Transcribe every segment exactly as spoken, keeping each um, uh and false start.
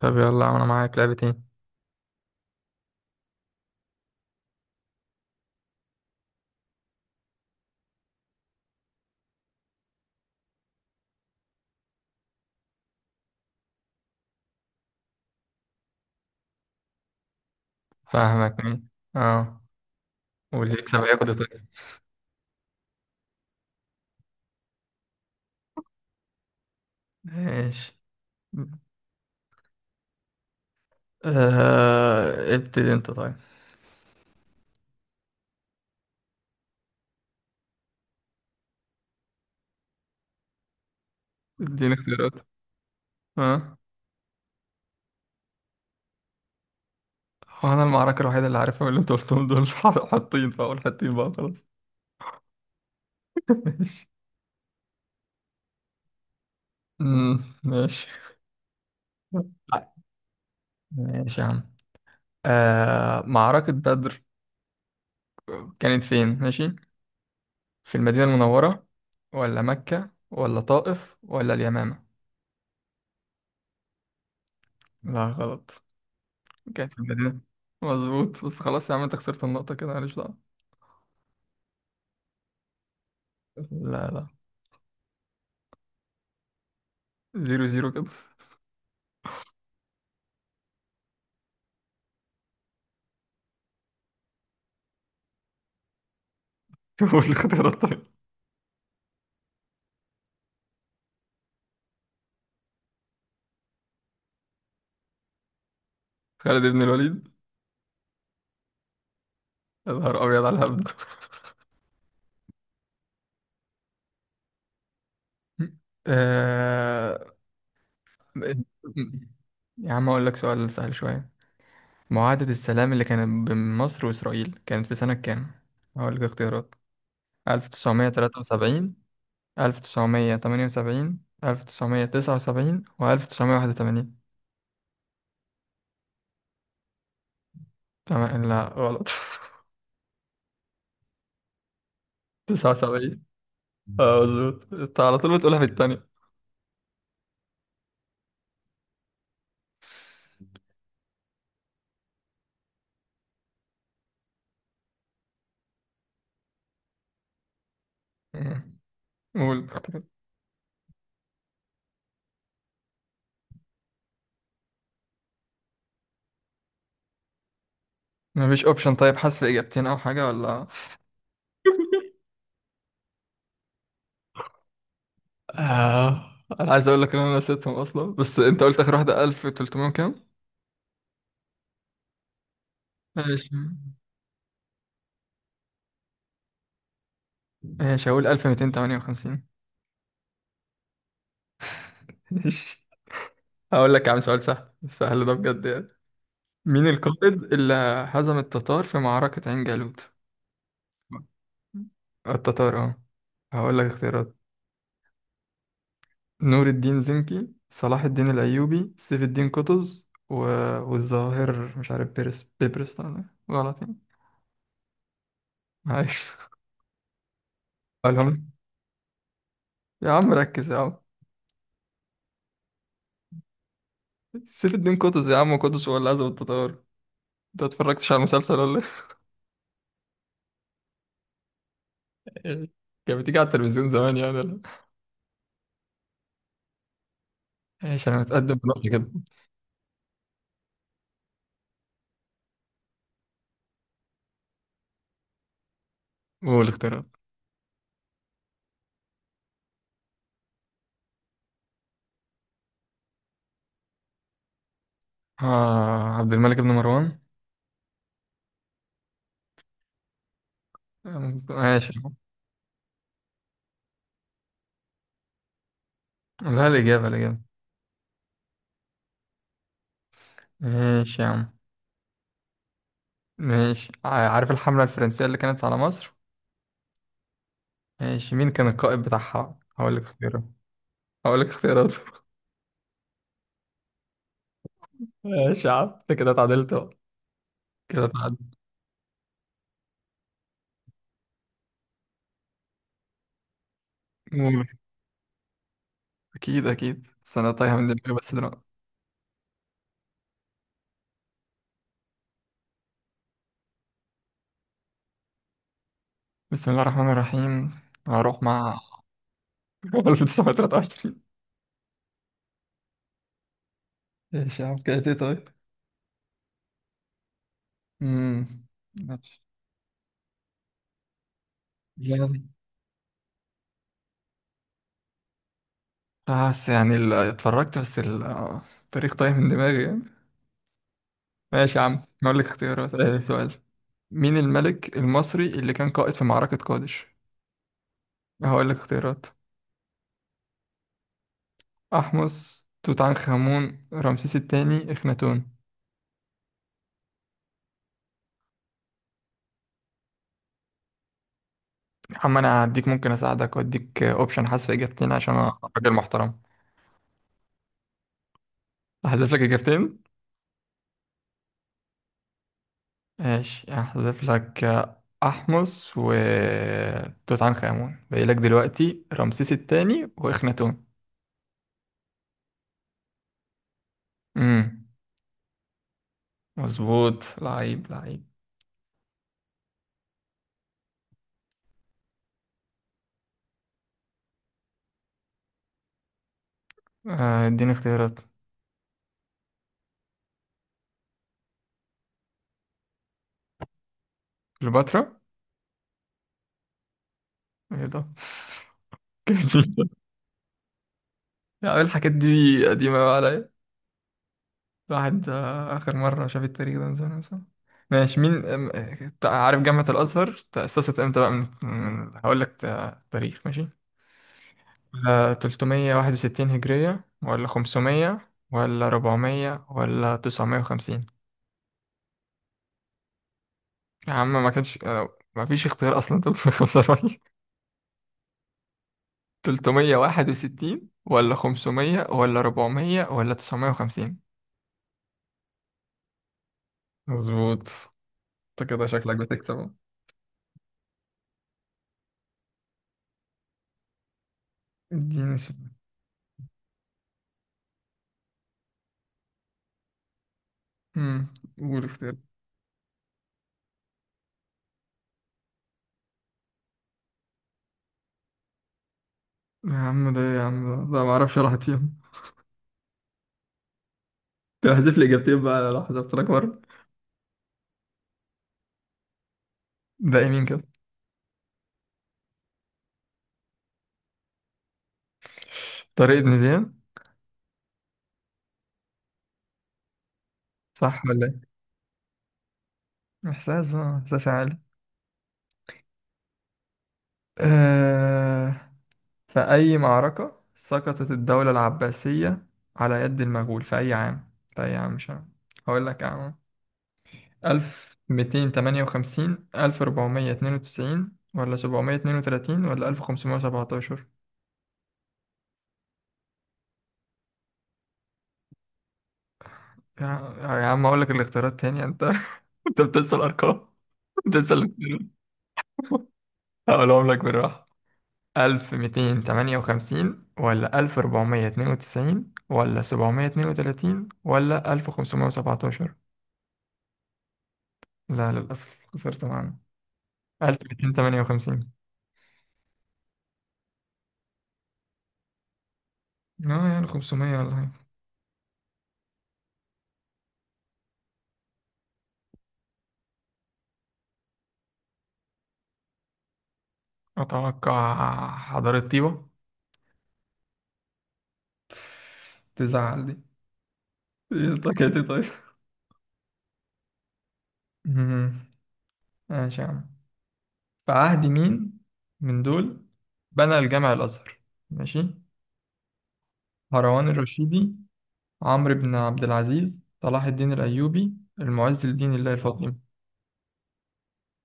طب يلا يا عم، انا معاك لعبتين. فاهمك مين؟ اه. واللي يكسب هياخد التاني. ماشي. آه... ابتدي انت طيب. اديني اختيارات. اه. هو انا المعركة الوحيدة اللي عارفها من اللي انت قلتهم دول ح- حاطين، فاقول حاطين بقى خلاص. أمم، ماشي. ماشي يا عم. آه... معركة بدر. كانت فين؟ ماشي. في المدينة المنورة، ولا مكة، ولا طائف، ولا اليمامة؟ لا غلط. كان في البداية. مظبوط، بس خلاص يا عم، انت خسرت النقطة كده، معلش بقى. لا لا. زيرو زيرو كده. شوفوا الاختيارات طيب. خالد بن الوليد. يا نهار أبيض على الهبد! آه... يا عم أقول لك سؤال سهل شوية. معاهدة السلام اللي كانت بين مصر وإسرائيل كانت في سنة كام؟ هقول لك اختيارات. ألف وتسعمائة وثلاثة وسبعين، ألف وتسعمية وتمانية وسبعين، ألف وتسعمائة وتسعة وسبعين، و1981؟ تمام. لا غلط. تسعة وسبعين. اه، مظبوط، انت على طول بتقولها في التانية. مم. قول. مفيش اوبشن طيب، حذف اجابتين او حاجة ولا؟ آه. انا عايز اقول لك ان انا نسيتهم اصلا، بس انت قلت اخر واحدة ألف وتلتمية كام؟ ماشي. ماشي، هقول ألف ومئتين وتمانية وخمسين. ماشي. هقول لك يا عم سؤال سهل سهل ده بجد يعني. مين القائد اللي هزم التتار في معركة عين جالوت؟ التتار اه. هقول لك اختيارات. نور الدين زنكي، صلاح الدين الأيوبي، سيف الدين قطز، و... والظاهر مش عارف، بيرس بيبرس. لا، لا، غلط يعني. معلش. أقولهم. يا عم ركز يا عم! سيف الدين قطز يا عم، قطز هو اللي عزم التتار. انت اتفرجتش على المسلسل ولا؟ إيه؟ كانت بتيجي على التلفزيون زمان يعني ولا؟ ماشي، انا متقدم بنقطة كده. قول اختيارات. اه، عبد الملك بن مروان. ماشي يا عم. لا، الإجابة الإجابة. ماشي يا عم. ماشي، ع- عارف الحملة الفرنسية اللي كانت على مصر؟ ماشي، مين كان القائد بتاعها؟ هقول لك اختيارات. هقول لك اختياراته. ماشي يا عم، انت كده اتعدلت بقى. كده اتعدلت. قول. اكيد اكيد، بس انا تايهه من دماغي بس دلوقتي. بسم الله الرحمن الرحيم. هروح مع ألف وتسعمية وتلاتة وعشرين. ماشي يا عم كده، ايه طيب؟ امم يلا. بس يعني ال- اتفرجت بس ال- التاريخ تايه من دماغي يعني. ماشي يا عم هقول لك اختيارات، آه، سؤال. مين الملك المصري اللي كان قائد في معركة قادش؟ هقول لك اختيارات. أحمس، توت عنخ آمون، رمسيس التاني، إخناتون؟ يا عم أنا هديك، ممكن أساعدك وأديك أوبشن حذف إجابتين عشان أنا راجل محترم. أحذف لك إجابتين. ماشي، أحذف لك. أحمس و توت عنخ آمون. باقي لك دلوقتي رمسيس التاني وإخناتون. امم مظبوط، لعيب لعيب! آه، اديني اختيارات. كليوباترا. ايه ده؟ يا عم الحاجات دي قديمة بقى عليا. الواحد آه، آخر مرة شاف التاريخ ده من زمان مثلا. ماشي، مين؟ أم- تع- عارف جامعة الأزهر تأسست امتى بقى، من من- هقول لك تا- تاريخ ماشي. ولا تلتمية وواحد وستين هجرية، ولا خمسمية، ولا أربعمية، ولا تسعمية وخمسين؟ يا عم ما كانش، آه، ما فيش اختيار أصلا. ثلاثمائة وخمسة وأربعين! تلتمية وواحد وستين ولا خمسمية ولا أربعمية ولا تسعمية وخمسين؟ مظبوط. انت كده شكلك بتكسب اهو. اديني سؤال. امم قول اختيار. يا عم ده إيه يا عم! ده ما اعرفش، راحت فيهم. طب احذف لي اجابتين بقى، لو حذفت لك مره. ده يمين كده؟ طريق ابن زيان. صح ولا ايه؟ احساس بقى، احساس عالي. أه... في اي معركه سقطت الدوله العباسيه على يد المغول؟ في اي عام، في اي عام مش عام. هقول لك عام. ألف ومائتين وثمانية وخمسين، ألف وأربعمائة واثنين وتسعين ولا سبعمية واتنين وتلاتين ولا ألف وخمسمية وسبعتاشر؟ يا, يا عم، هقول لك الاختيارات تاني انت. انت بتنسى الارقام، بتنسى الاختيارات. هقولهم لك بالراحة. ألف ومئتين وتمانية وخمسين ولا ألف وأربعمائة واثنين وتسعين ولا سبعمائة واثنين وثلاثين ولا ألف وخمسمائة وسبعة عشر؟ لا للأسف، خسرت معانا. ألف ومئتين وتمانية وخمسين. اه يعني خمسمية ولا حاجة. أتوقع حضارة طيبة. تزعل دي؟ إيه طاقتي طيب. مم. ماشي يا عم. في عهد مين من دول بنى الجامع الأزهر؟ ماشي. هروان الرشيدي، عمرو بن عبد العزيز، صلاح الدين الأيوبي، المعز لدين الله الفاطمي؟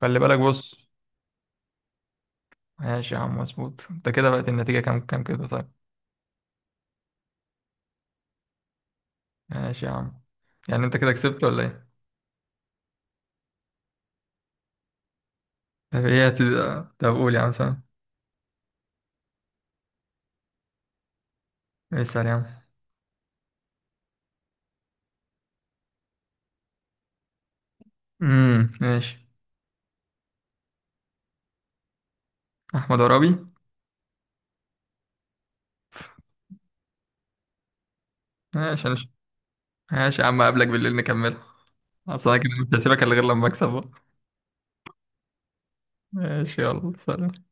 خلي بالك، بص. ماشي يا عم مظبوط. انت كده بقت النتيجة كام كام كده طيب؟ ماشي يا عم. يعني انت كده كسبت ولا ايه؟ طب ايه هت... طب قول يا عم سلام. اسأل يا عم. امم ماشي. احمد عرابي. ماشي ماشي. ماشي يا عم، اقابلك بالليل نكملها. اصل انا كده مش هسيبك الا غير لما اكسب بقى. ماشي يلا سلام.